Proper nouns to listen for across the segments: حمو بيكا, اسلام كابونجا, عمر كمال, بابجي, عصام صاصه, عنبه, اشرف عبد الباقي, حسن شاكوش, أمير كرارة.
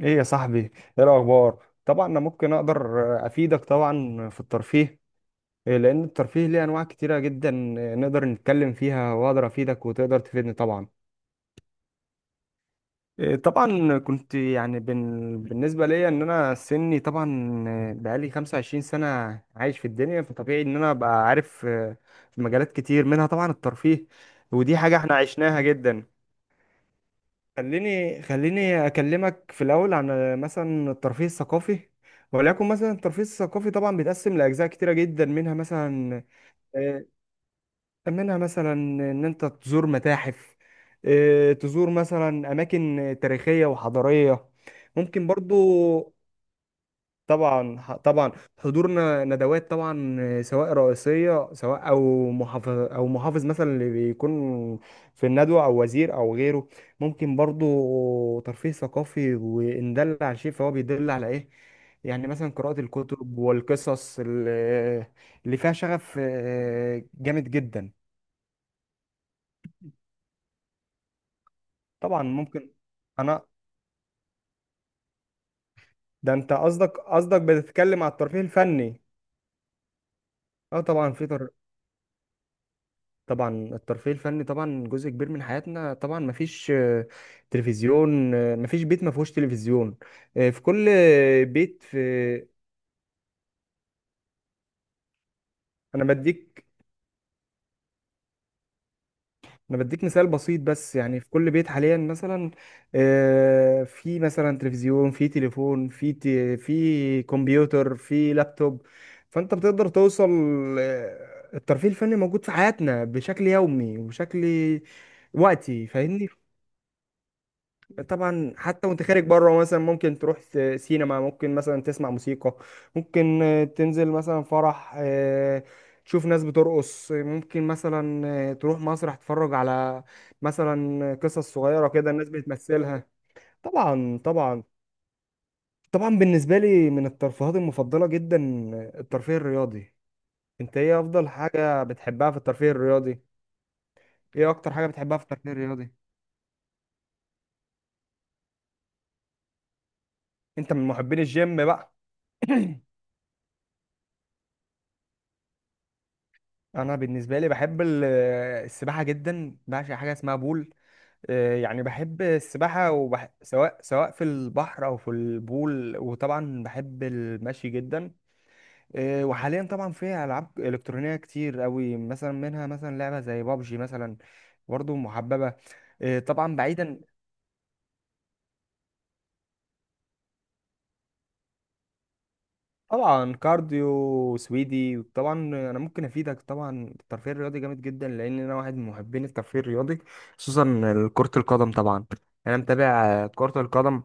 ايه يا صاحبي؟ ايه الاخبار؟ طبعا انا ممكن اقدر افيدك طبعا في الترفيه. إيه، لان الترفيه ليه انواع كتيره جدا. إيه، نقدر نتكلم فيها واقدر افيدك وتقدر تفيدني طبعا. إيه، طبعا كنت يعني بالنسبه ليا ان انا سني طبعا، إيه، بقالي 25 سنه عايش في الدنيا، فطبيعي ان انا ابقى عارف. إيه، في مجالات كتير منها طبعا الترفيه. ودي حاجه احنا عشناها جدا. خليني اكلمك في الاول عن مثلا الترفيه الثقافي. وليكن مثلا الترفيه الثقافي طبعا بيتقسم لاجزاء كتيره جدا، منها مثلا آه، منها مثلا ان انت تزور متاحف، تزور مثلا اماكن تاريخيه وحضاريه. ممكن برضو. طبعا حضورنا ندوات طبعا، سواء رئيسية، سواء او محافظ او محافظ مثلا اللي بيكون في الندوة، او وزير او غيره. ممكن برضو ترفيه ثقافي، وان دل على شيء فهو بيدل على ايه؟ يعني مثلا قراءة الكتب والقصص اللي فيها شغف جامد جدا. طبعا ممكن. انا ده انت قصدك بتتكلم على الترفيه الفني؟ اه طبعا. في طبعا الترفيه الفني طبعا جزء كبير من حياتنا. طبعا مفيش تلفزيون، مفيش بيت مفيهوش تلفزيون. في كل بيت في. انا بديك انا بديك مثال بسيط بس، يعني في كل بيت حاليا مثلا في مثلا تلفزيون، في تليفون، في في كمبيوتر، في لابتوب. فانت بتقدر توصل. الترفيه الفني موجود في حياتنا بشكل يومي وبشكل وقتي، فاهمني؟ طبعا حتى وانت خارج بره مثلا، ممكن سينما، ممكن مثلا تسمع موسيقى، ممكن تنزل مثلا فرح، تشوف ناس بترقص، ممكن مثلا تروح مسرح تتفرج على مثلا قصص صغيرة كده الناس بتمثلها. طبعا طبعا طبعا. بالنسبة لي من الترفيهات المفضلة جدا الترفيه الرياضي. انت ايه افضل حاجة بتحبها في الترفيه الرياضي؟ ايه اكتر حاجة بتحبها في الترفيه الرياضي؟ انت من محبين الجيم بقى؟ انا بالنسبه لي بحب السباحه جدا، بعشق حاجه اسمها بول. يعني بحب السباحه سواء في البحر او في البول، وطبعا بحب المشي جدا. وحاليا طبعا في العاب الكترونيه كتير قوي، مثلا منها مثلا لعبه زي بابجي مثلا، برضو محببه. طبعا بعيدا. طبعا كارديو سويدي طبعا. انا ممكن افيدك طبعا. الترفيه الرياضي جامد جدا لان انا واحد من محبين الترفيه الرياضي، خصوصا كرة القدم طبعا. انا متابع كرة القدم.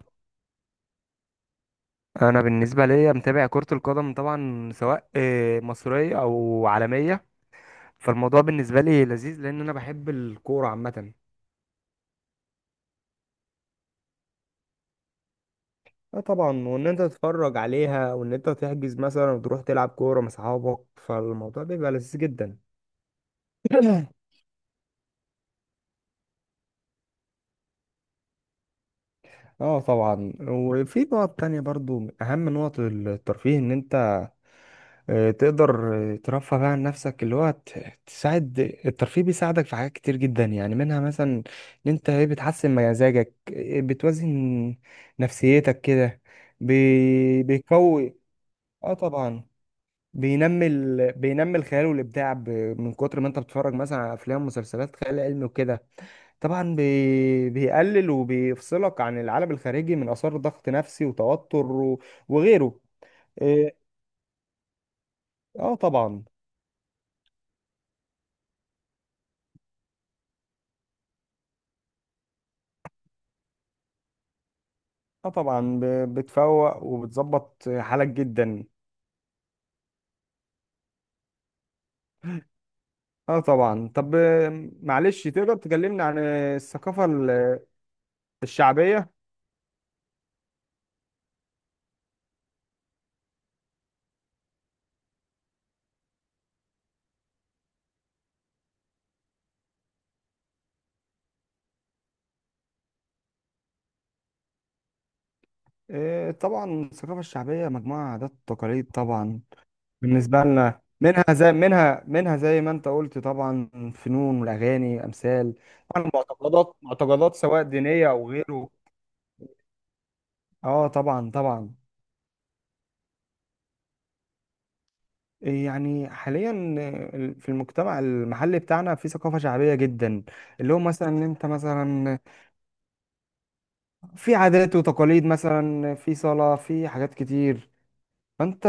انا بالنسبة ليا متابع كرة القدم طبعا، سواء مصرية او عالمية، فالموضوع بالنسبة لي لذيذ لان انا بحب الكورة عامة. اه طبعا، وان انت تتفرج عليها وان انت تحجز مثلا وتروح تلعب كورة مع اصحابك، فالموضوع بيبقى لذيذ جدا. اه طبعا. وفي نقط تانية برضو من اهم نقط الترفيه ان انت تقدر ترفه بقى عن نفسك، اللي هو تساعد. الترفيه بيساعدك في حاجات كتير جدا، يعني منها مثلا ان انت ايه بتحسن مزاجك، إيه بتوازن نفسيتك كده، بيقوي. اه طبعا. بينمي الخيال والابداع. من كتر ما انت بتتفرج مثلا على افلام ومسلسلات خيال علمي وكده. طبعا بيقلل وبيفصلك عن العالم الخارجي من آثار ضغط نفسي وتوتر وغيره. إيه، اه طبعا. اه طبعا بتفوق وبتظبط حالك جدا. اه طبعا. طب معلش تقدر تكلمني عن الثقافة الشعبية؟ طبعا الثقافة الشعبية مجموعة عادات وتقاليد طبعا، بالنسبة لنا منها زي منها زي ما انت قلت طبعا، فنون والأغاني أمثال، طبعا معتقدات معتقدات سواء دينية أو غيره. اه طبعا طبعا. يعني حاليا في المجتمع المحلي بتاعنا في ثقافة شعبية جدا، اللي هو مثلا ان انت مثلا في عادات وتقاليد، مثلا في صلاة، في حاجات كتير. فانت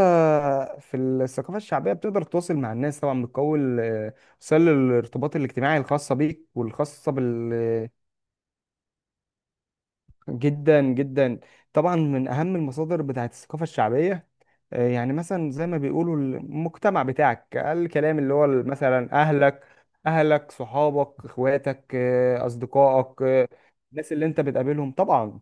في الثقافة الشعبية بتقدر تتواصل مع الناس طبعا. بتكون وسائل الارتباط الاجتماعي الخاصة بيك والخاصة بال. جدا جدا. طبعا من اهم المصادر بتاعت الثقافه الشعبيه يعني مثلا زي ما بيقولوا المجتمع بتاعك، الكلام اللي هو مثلا اهلك، اهلك صحابك اخواتك اصدقائك، الناس اللي انت بتقابلهم طبعا.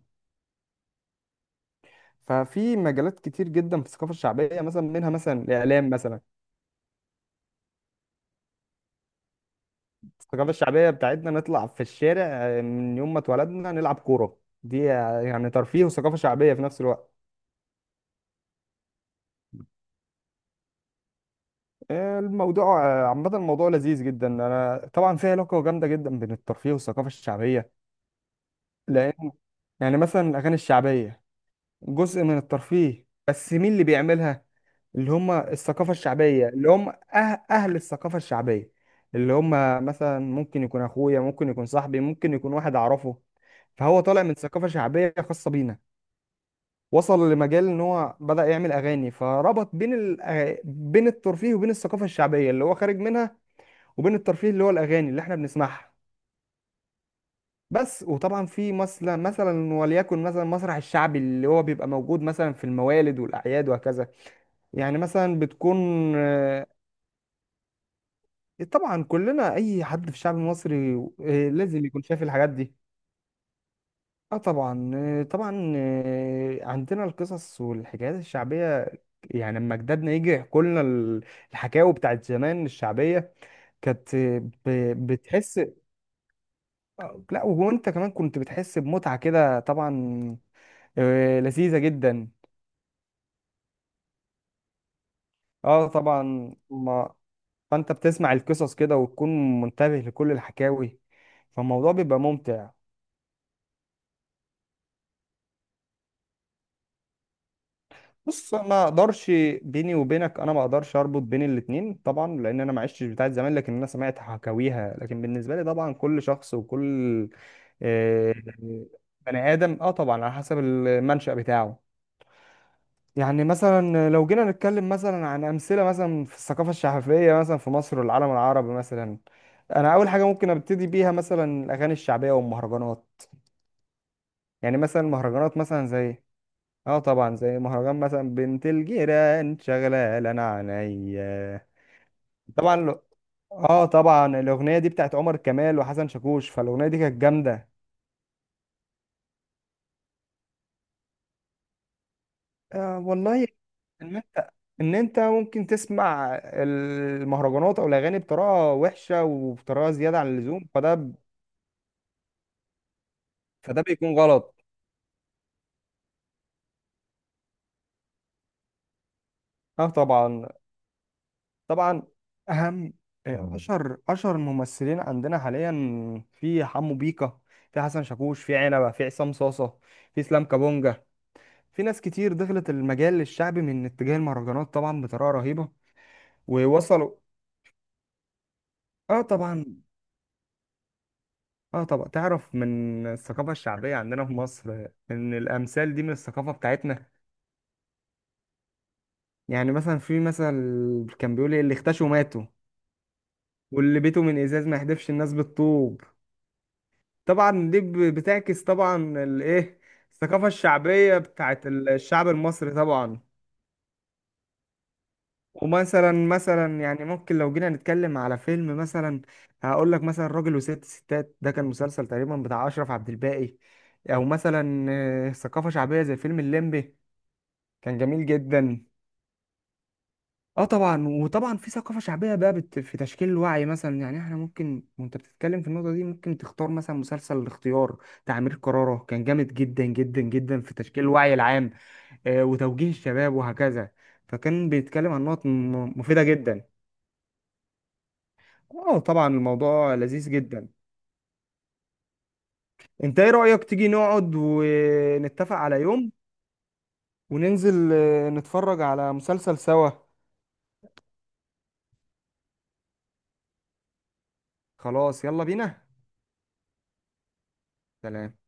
ففي مجالات كتير جدا في الثقافه الشعبيه، مثلا منها مثلا الاعلام مثلا. الثقافه الشعبيه بتاعتنا نطلع في الشارع من يوم ما اتولدنا نلعب كوره، دي يعني ترفيه وثقافه شعبيه في نفس الوقت. الموضوع عامة الموضوع لذيذ جدا. أنا طبعا في علاقة جامدة جدا بين الترفيه والثقافة الشعبية، لأن يعني مثلا الأغاني الشعبية جزء من الترفيه، بس مين اللي بيعملها؟ اللي هم الثقافة الشعبية، اللي هم أهل الثقافة الشعبية، اللي هم مثلا ممكن يكون أخويا، ممكن يكون صاحبي، ممكن يكون واحد أعرفه. فهو طالع من ثقافة شعبية خاصة بينا، وصل لمجال إن هو بدأ يعمل أغاني، فربط بين بين الترفيه وبين الثقافة الشعبية اللي هو خارج منها، وبين الترفيه اللي هو الاغاني اللي احنا بنسمعها بس. وطبعا في مثلا وليكن مثلا المسرح الشعبي اللي هو بيبقى موجود مثلا في الموالد والاعياد وهكذا. يعني مثلا بتكون آه، طبعا كلنا اي حد في الشعب المصري لازم يكون شايف الحاجات دي. اه طبعا طبعا عندنا القصص والحكايات الشعبيه، يعني لما جدادنا يجي يحكوا لنا الحكاوي بتاعت زمان الشعبيه، كانت بتحس لا وانت كمان كنت بتحس بمتعة كده طبعا، لذيذة جدا. اه طبعا ما. فانت بتسمع القصص كده وتكون منتبه لكل الحكاوي، فالموضوع بيبقى ممتع. بص ما اقدرش. بيني وبينك انا ما اقدرش اربط بين الاتنين طبعا، لان انا ما عشتش بتاعت زمان، لكن انا سمعت حكاويها. لكن بالنسبة لي طبعا كل شخص وكل آه، بني ادم، اه طبعا على حسب المنشأ بتاعه. يعني مثلا لو جينا نتكلم مثلا عن أمثلة مثلا في الثقافة الشعبية مثلا في مصر والعالم العربي مثلا، أنا أول حاجة ممكن أبتدي بيها مثلا الأغاني الشعبية والمهرجانات. يعني مثلا المهرجانات مثلا زي، اه طبعا زي مهرجان مثلا بنت الجيران شغلة انا عينيا. طبعا اه طبعا الأغنية دي بتاعت عمر كمال وحسن شاكوش، فالأغنية دي كانت جامدة. آه والله. ان انت ان انت ممكن تسمع المهرجانات او الاغاني بطريقه وحشه وبطريقه زياده عن اللزوم، فده بيكون غلط. اه طبعا طبعا. اهم اشهر الممثلين عندنا حاليا، في حمو بيكا، في حسن شاكوش، في عنبه، في عصام صاصه، في اسلام كابونجا، في ناس كتير دخلت المجال الشعبي من اتجاه المهرجانات طبعا بطريقه رهيبه، ووصلوا. اه طبعا. اه طبعا تعرف من الثقافة الشعبية عندنا في مصر ان الامثال دي من الثقافة بتاعتنا. يعني مثلا في مثل كان بيقول إيه، اللي اختشوا ماتوا، واللي بيته من ازاز ما يحدفش الناس بالطوب. طبعا دي بتعكس طبعا الايه، الثقافة الشعبية بتاعت الشعب المصري طبعا. ومثلا مثلا يعني ممكن، لو جينا نتكلم على فيلم مثلا هقول لك مثلا راجل وست ستات. ده كان مسلسل تقريبا بتاع اشرف عبد الباقي. او مثلا ثقافة شعبية زي فيلم الليمبي، كان جميل جدا. اه طبعا. وطبعا في ثقافة شعبية بقى في تشكيل الوعي مثلا، يعني احنا ممكن وانت بتتكلم في النقطة دي ممكن تختار مثلا مسلسل الاختيار بتاع أمير كرارة، كان جامد جدا جدا جدا في تشكيل الوعي العام. آه وتوجيه الشباب وهكذا. فكان بيتكلم عن نقط مفيدة جدا. اه طبعا الموضوع لذيذ جدا. انت ايه رأيك تيجي نقعد ونتفق على يوم وننزل نتفرج على مسلسل سوا؟ خلاص يلا بينا. سلام.